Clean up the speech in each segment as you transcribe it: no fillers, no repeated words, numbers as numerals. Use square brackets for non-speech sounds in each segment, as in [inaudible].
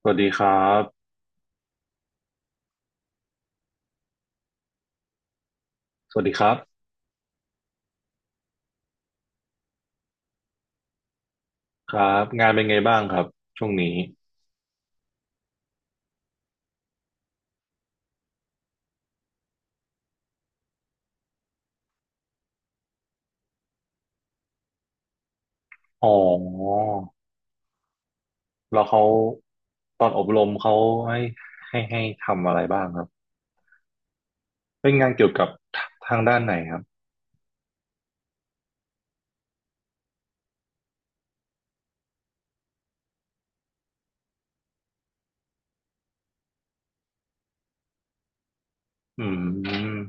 สวัสดีครับ สวัสดีครับครับงานเป็นไงบ้างครับช่วงนี้อ๋อแล้วเขาตอนอบรมเขาให้ให้ให้ทำอะไรบ้างครับเป็นงานเกี่ยวกับททางด้านไหนครับอืม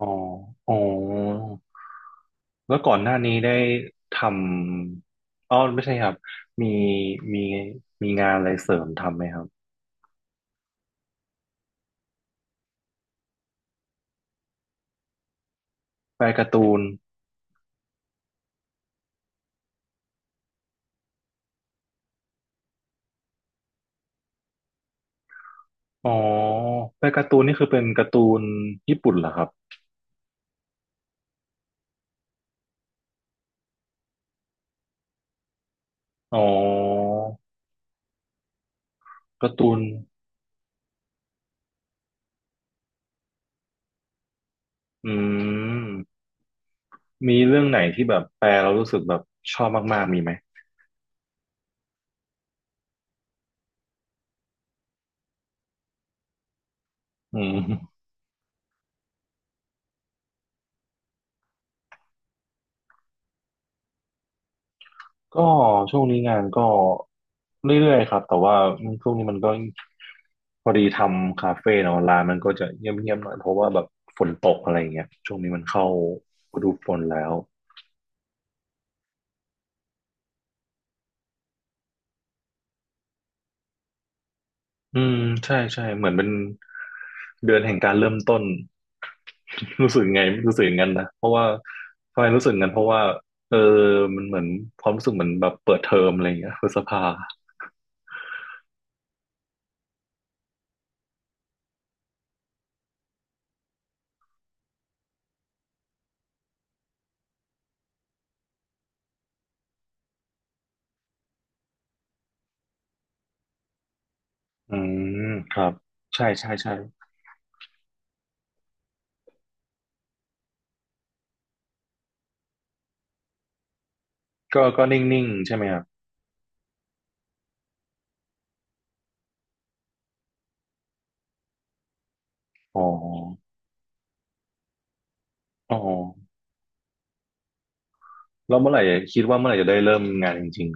อ๋ออ๋อแล้วก่อนหน้านี้ได้ทำอ๋อไม่ใช่ครับ มีมีมีงานอะไรเสริมทำไหมครับแปลการ์ตูนอ๋อแปลการ์ตูนนี่คือเป็นการ์ตูนญี่ปุ่นเหรอครับอ๋อการ์ตูน อืมมีเรื่องไหนที่แบบแปลเรารู้สึกแบบชอบมากๆมีไหมอืมก็ช่วงนี้งานก็เรื่อยๆครับแต่ว่าช่วงนี้มันก็พอดีทำคาเฟ่เนาะร้านมันก็จะเงียบๆหน่อยเพราะว่าแบบฝนตกอะไรอย่างเงี้ยช่วงนี้มันเข้าฤดูฝนแล้ว อืมใช่ใช่เหมือนเป็นเดือนแห่งการเริ่มต้น [laughs] รู้สึกไงรู้สึกอย่างนั้นนะเพราะว่าทำไมรู้สึกงั้นเพราะว่าเออมันเหมือนความรู้สึกเหมือนแบบเปิดเทอมอะไรอย่างเงี้ยพฤษภาอืมครับใช่ใช่ใช่ก็นิ่งๆใช่ไหมครับอ๋ออ๋อแล้วเมื่อไหร่คิดว่าเมื่อไหร่จะได้เริ่มงานจริง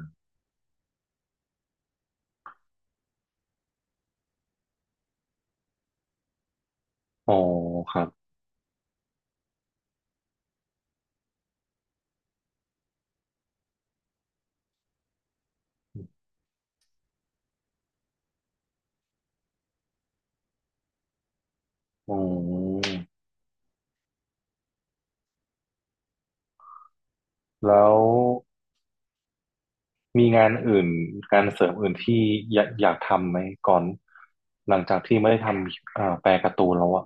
ๆอ๋อครับอ๋อแล้ว มีงานอื่นงานเสริมอื่นที่อยากทำไหมก่อนหลังจากที่ไม่ได้ทำแปลการ์ตูนแล้วอ่ะ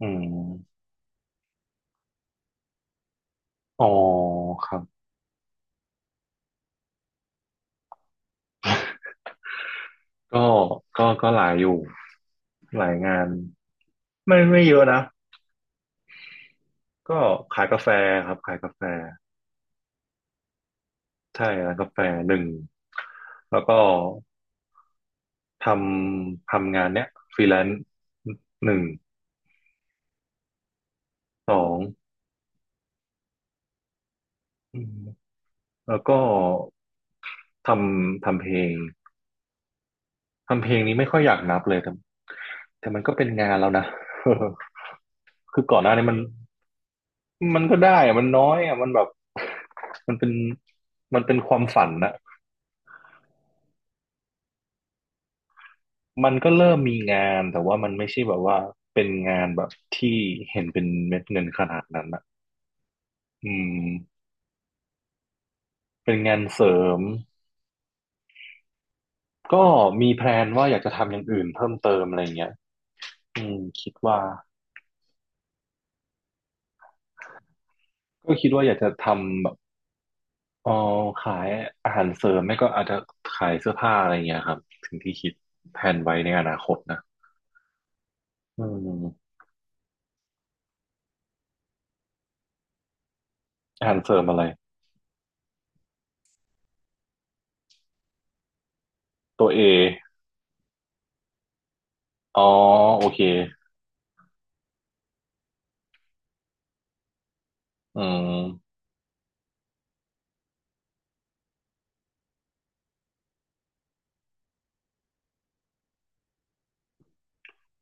อืมอ๋อครับก็ก็หลายอยู่หลายงานไม่เยอะนะก็ขายกาแฟครับขายกาแฟใช่ร้านกาแฟหนึ่งแล้วก็ทำทำงานเนี้ยฟรีแลนซ์หนึ่งสองอืมแล้วก็ทำทำเพลง ทำเพลงนี้ไม่ค่อยอยากนับเลยแต่แต่มันก็เป็นงานแล้วนะ [laughs] คือก่อนหน้านี้มันมันก็ได้อะมันน้อยอะมันแบบ [laughs] มันเป็นมันเป็นความฝันนะมันก็เริ่มมีงานแต่ว่ามันไม่ใช่แบบว่าเป็นงานแบบที่เห็นเป็นเม็ดเงินขนาดนั้นนะอืมเป็นงานเสริมก็มีแพลนว่าอยากจะทำอย่างอื่นเพิ่มเติมอะไรเงี้ยอืมคิดว่าก็คิดว่าอยากจะทำแบบ อ๋อขายอาหารเสริมไม่ก็อาจจะขายเสื้อผ้าอะไรเงี้ยครับถึงที่คิดแผนไว้ในอนาคตนะอืมอาหารเสริมอะไรตัวเออ๋อโอเคอืม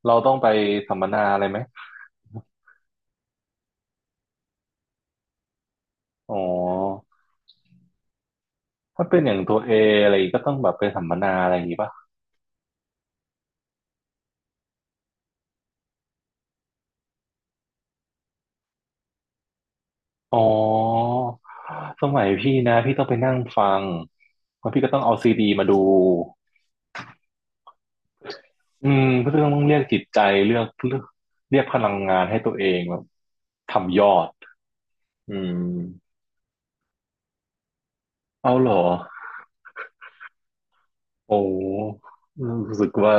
เราต้องไปสัมมนาอะไรไหมอ๋อถ้าเป็นอย่างตัวเออะไรก็ต้องแบบไปสัมมนาอะไรอย่างงี้ป่ะอ๋อสมัยพี่นะพี่ต้องไปนั่งฟังแล้วพี่ก็ต้องเอาซีดีมาดูอืมก็ต้องเรียกจิตใจเลือกเรียกพลังงานให้ตัวเองแบบทำยอด อืม เอาเหรอโอ้รู้สึกว่า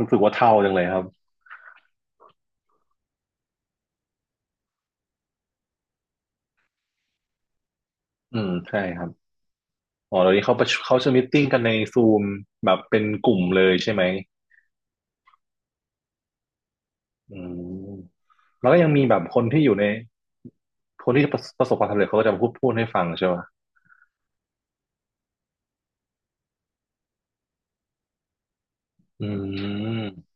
รู้สึกว่าเท่าจังเลยครับ อืมใช่ครับอ๋อเดี๋ยวนี้เขาประชุมเขาจะมีตติ้งกันในซูมแบบเป็นกลุ่มเลยใช่ไหมอืม แล้วก็ยังมีแบบคนที่อยู่ในคนที่ประสบความสำเร็จเขาก็จะมาพูดให้ฟังใช่ไหม อืม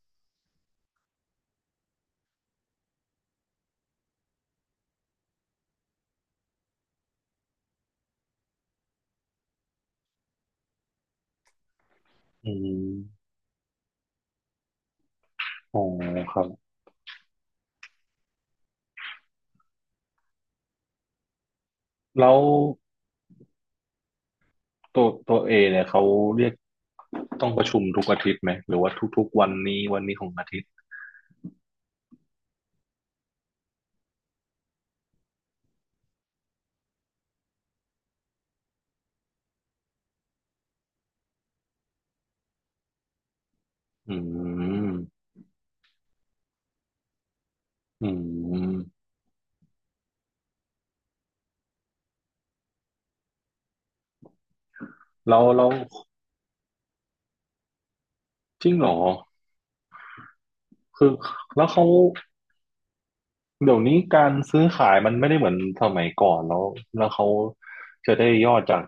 อืมอ๋อครับแล้วตัวเอเนี่ยเขาเรียกต้องประชุมทุกอาทิตย์ไหมหรือว่าทุกๆวันนี้ของอาทิตย์อืมอืมแล้วแล้ว จริงเหรอ คือแล้วเขาเดี๋ยวนี้การซื้อขายมันไม่ได้เหมือนสมัยก่อนแล้ว แล้วเขาจะได้ยอดจาก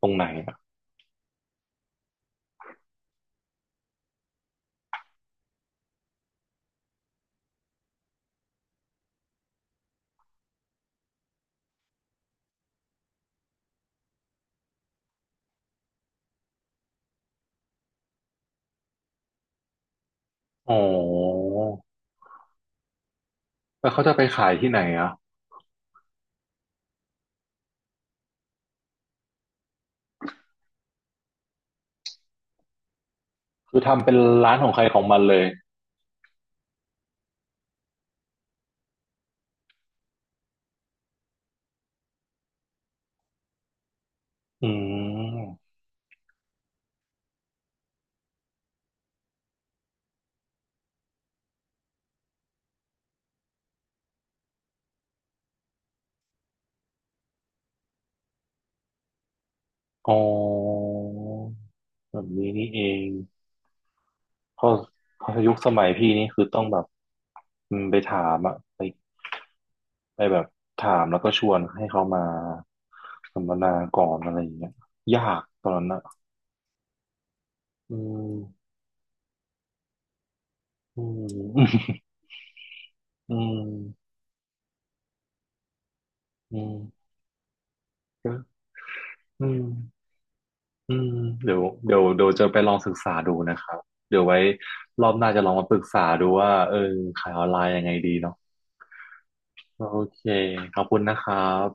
ตรงไหนอ่ะอ๋อแล้วเขาจะไปขายที่ไหนอ่ะ คือทำเป็นร้านของใครของมันเลยอืมอ๋อแบบนี้นี่เอง เพราะเพราะยุคสมัยพี่นี่คือต้องแบบอืมไปถามอะไปไปแบบถามแล้วก็ชวนให้เขามาสัมมนาก่อนอะไรอย่างเงี้ยยากตอนนั้นอะอืมอืมอืมอืมก็อืมอืมเดี๋ยวจะไปลองศึกษาดูนะครับเดี๋ยวไว้รอบหน้าจะลองมาปรึกษาดูว่าเออขายออนไลน์ยังไงดีเนาะโอเคขอบคุณนะครับ